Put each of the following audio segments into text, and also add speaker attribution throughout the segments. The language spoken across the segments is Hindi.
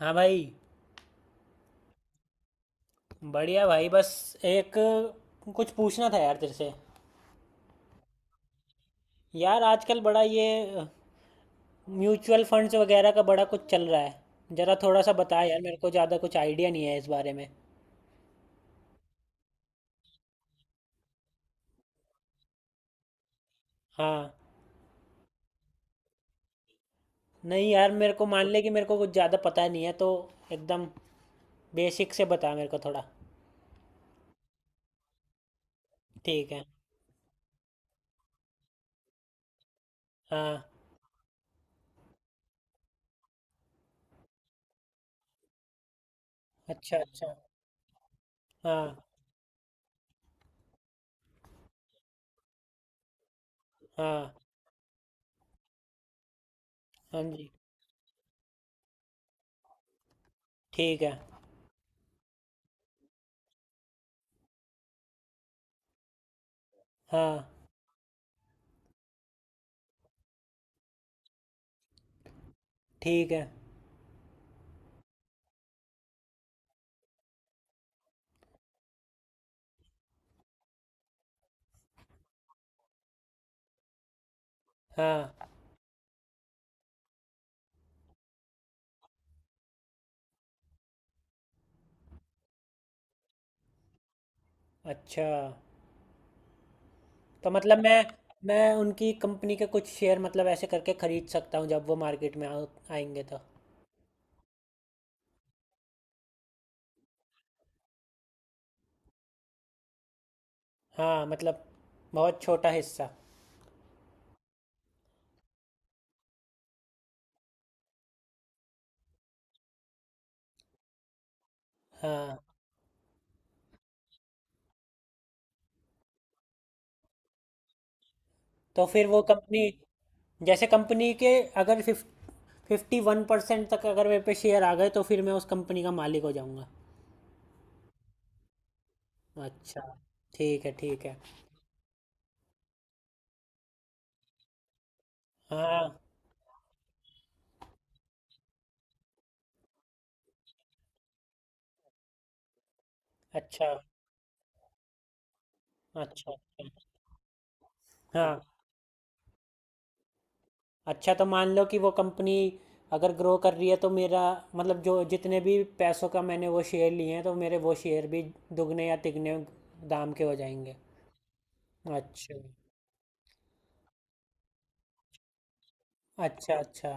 Speaker 1: हाँ भाई। बढ़िया भाई, बस एक कुछ पूछना था यार तेरे से। यार आजकल बड़ा ये म्यूचुअल फंड्स वगैरह का बड़ा कुछ चल रहा है, जरा थोड़ा सा बता यार, मेरे को ज़्यादा कुछ आइडिया नहीं है इस बारे में। हाँ। नहीं यार, मेरे को मान ले कि मेरे को कुछ ज़्यादा पता नहीं है, तो एकदम बेसिक से बता मेरे को थोड़ा। ठीक है। हाँ। अच्छा अच्छा। हाँ। हाँ। हाँ जी। ठीक है। हाँ। ठीक है। हाँ। अच्छा, तो मतलब मैं उनकी कंपनी के कुछ शेयर मतलब ऐसे करके खरीद सकता हूँ जब वो मार्केट में आएंगे तो। हाँ मतलब, बहुत छोटा हिस्सा। हाँ। तो फिर वो कंपनी, जैसे कंपनी के, अगर 51% तक अगर मेरे पे शेयर आ गए तो फिर मैं उस कंपनी का मालिक हो जाऊंगा। अच्छा। ठीक है ठीक है। हाँ। अच्छा। अच्छा। अच्छा। हाँ। अच्छा, तो मान लो कि वो कंपनी अगर ग्रो कर रही है तो मेरा मतलब, जो जितने भी पैसों का मैंने वो शेयर लिए हैं तो मेरे वो शेयर भी दुगने या तिगने दाम के हो जाएंगे। अच्छा। अच्छा अच्छा।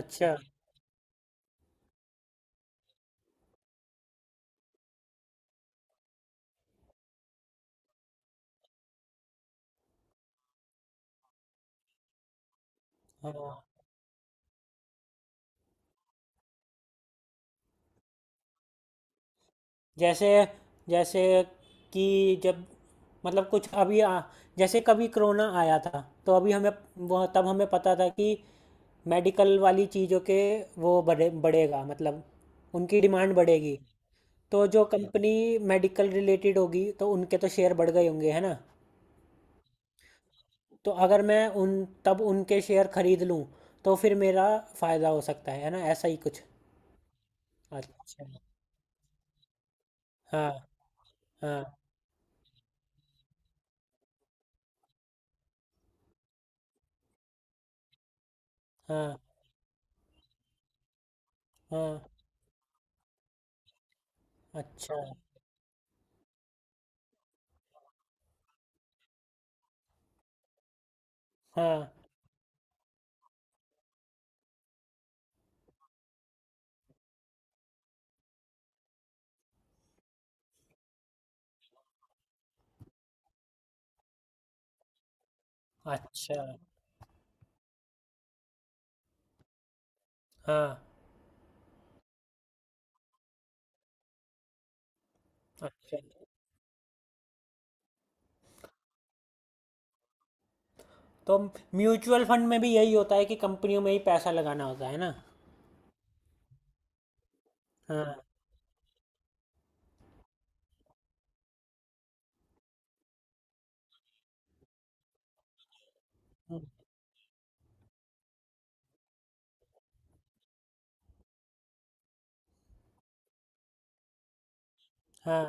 Speaker 1: अच्छा। हाँ। जैसे जैसे कि जब मतलब कुछ जैसे कभी कोरोना आया था तो अभी हमें, वो तब हमें पता था कि मेडिकल वाली चीज़ों के वो बढ़ेगा, मतलब उनकी डिमांड बढ़ेगी। तो जो कंपनी मेडिकल रिलेटेड होगी तो उनके तो शेयर बढ़ गए होंगे है ना। तो अगर मैं उन तब उनके शेयर खरीद लूँ तो फिर मेरा फायदा हो सकता है ना, ऐसा ही कुछ। अच्छा। हाँ। हाँ हाँ। हाँ। अच्छा। हाँ। अच्छा। हाँ। अच्छा, तो म्यूचुअल फंड में भी यही होता है कि कंपनियों में ही पैसा लगाना होता है ना। हाँ। हम्म, हाँ।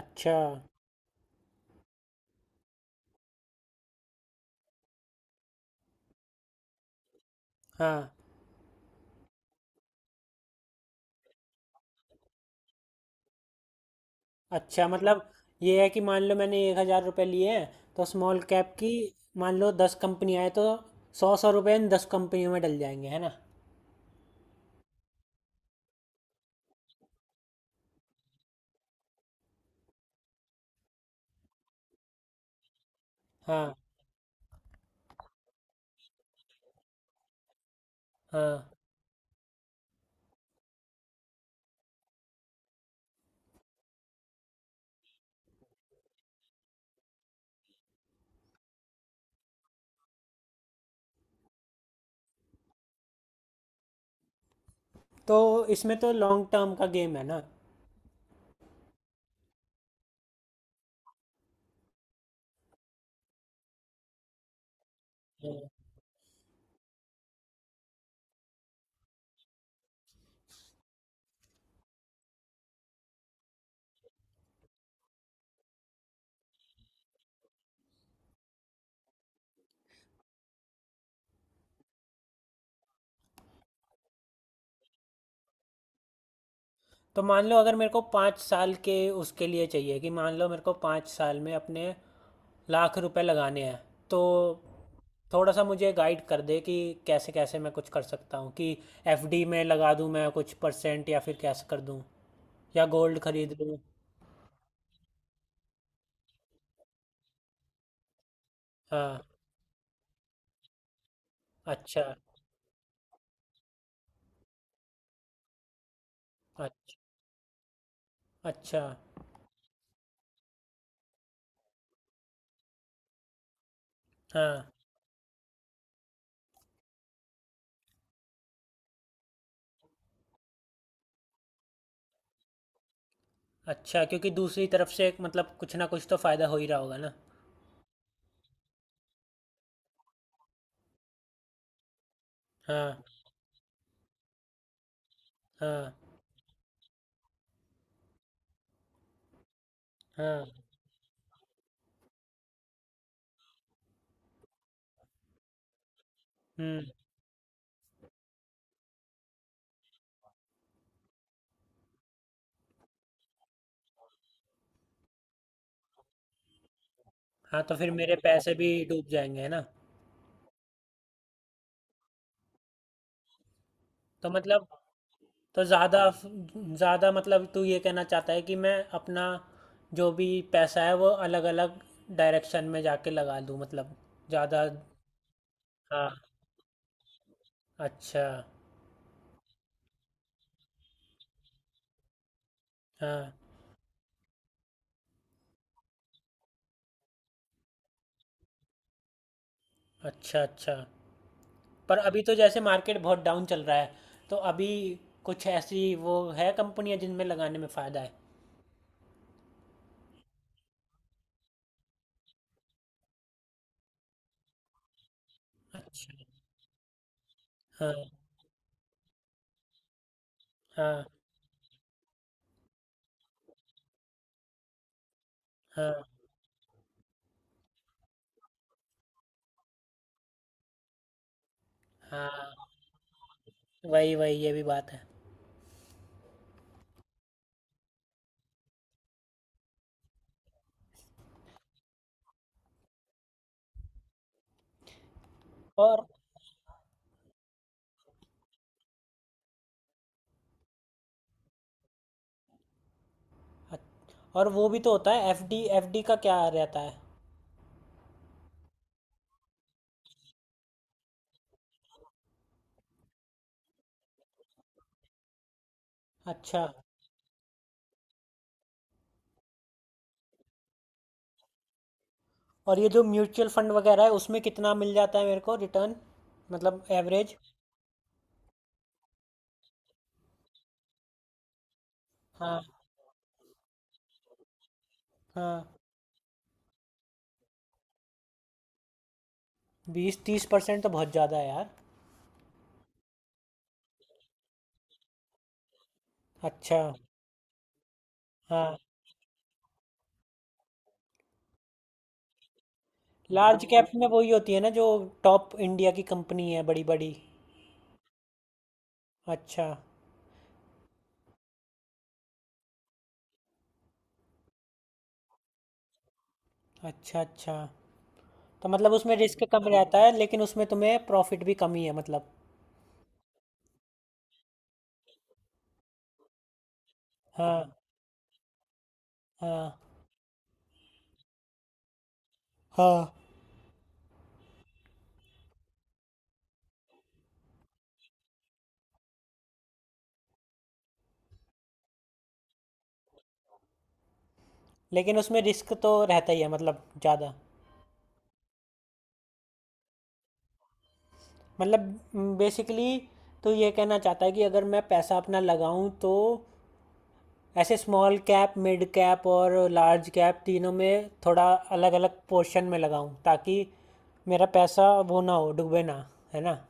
Speaker 1: अच्छा। हाँ। अच्छा मतलब, ये है कि मान लो मैंने 1,000 रुपये लिए हैं तो स्मॉल कैप की मान लो 10 कंपनी आए तो 100-100 रुपये इन 10 कंपनियों में डल जाएंगे है ना। हाँ। हाँ। तो इसमें तो लॉन्ग टर्म का गेम है ना। तो मान लो अगर मेरे को 5 साल के उसके लिए चाहिए कि मान लो मेरे को 5 साल में अपने लाख रुपए लगाने हैं, तो थोड़ा सा मुझे गाइड कर दे कि कैसे कैसे मैं कुछ कर सकता हूँ, कि एफडी में लगा दूँ मैं कुछ परसेंट या फिर कैसे कर दूँ या गोल्ड खरीद लूँ। हाँ। अच्छा अच्छा। अच्छा। हाँ। अच्छा, क्योंकि दूसरी तरफ से एक मतलब कुछ ना कुछ तो फायदा हो ही रहा होगा ना। हाँ। हाँ। हाँ। हम्म। हाँ, तो फिर मेरे पैसे भी डूब जाएंगे है ना। तो मतलब, तो ज़्यादा ज़्यादा मतलब, तू ये कहना चाहता है कि मैं अपना जो भी पैसा है वो अलग अलग डायरेक्शन में जाके लगा दूँ मतलब, ज़्यादा। हाँ। अच्छा। हाँ। अच्छा अच्छा। पर अभी तो जैसे मार्केट बहुत डाउन चल रहा है, तो अभी कुछ ऐसी वो है कंपनियां जिनमें लगाने में फ़ायदा है। अच्छा। हाँ। हाँ हाँ। हाँ वही वही, ये भी बात है। और और वो भी तो होता है, एफडी, एफडी का क्या रहता है? अच्छा। और ये जो म्यूचुअल फंड वगैरह है उसमें कितना मिल जाता है मेरे को रिटर्न, मतलब एवरेज? हाँ। हाँ। 20-30% तो बहुत ज़्यादा है यार। अच्छा। हाँ। लार्ज कैप में वही होती है ना जो टॉप इंडिया की कंपनी है, बड़ी बड़ी। अच्छा अच्छा। अच्छा, तो मतलब उसमें रिस्क कम रहता है लेकिन उसमें तुम्हें प्रॉफिट भी कम ही है मतलब। हाँ। हाँ। हाँ। लेकिन उसमें रिस्क तो रहता ही है मतलब, ज़्यादा। मतलब बेसिकली तो ये कहना चाहता है कि अगर मैं पैसा अपना लगाऊं तो ऐसे स्मॉल कैप, मिड कैप और लार्ज कैप तीनों में थोड़ा अलग अलग पोर्शन में लगाऊं, ताकि मेरा पैसा वो ना हो, डूबे ना, है ना।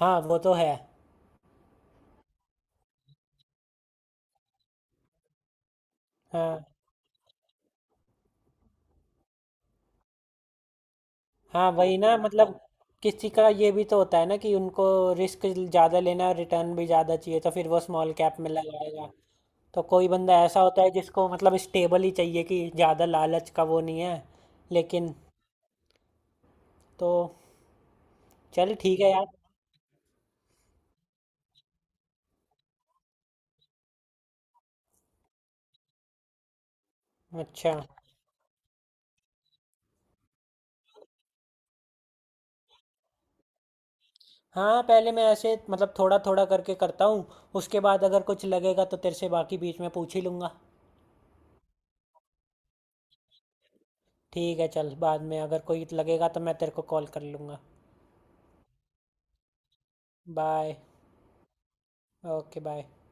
Speaker 1: हाँ वो तो है। हाँ। हाँ वही ना, मतलब किसी का ये भी तो होता है ना कि उनको रिस्क ज़्यादा लेना रिटर्न भी ज़्यादा चाहिए तो फिर वो स्मॉल कैप में लगाएगा। तो कोई बंदा ऐसा होता है जिसको मतलब स्टेबल ही चाहिए, कि ज़्यादा लालच का वो नहीं है। लेकिन, तो चल ठीक है यार। अच्छा। हाँ, पहले मैं ऐसे मतलब थोड़ा थोड़ा करके करता हूँ, उसके बाद अगर कुछ लगेगा तो तेरे से बाकी बीच में पूछ ही लूँगा। ठीक है, चल, बाद में अगर कोई लगेगा तो मैं तेरे को कॉल कर लूँगा। बाय। Okay bye.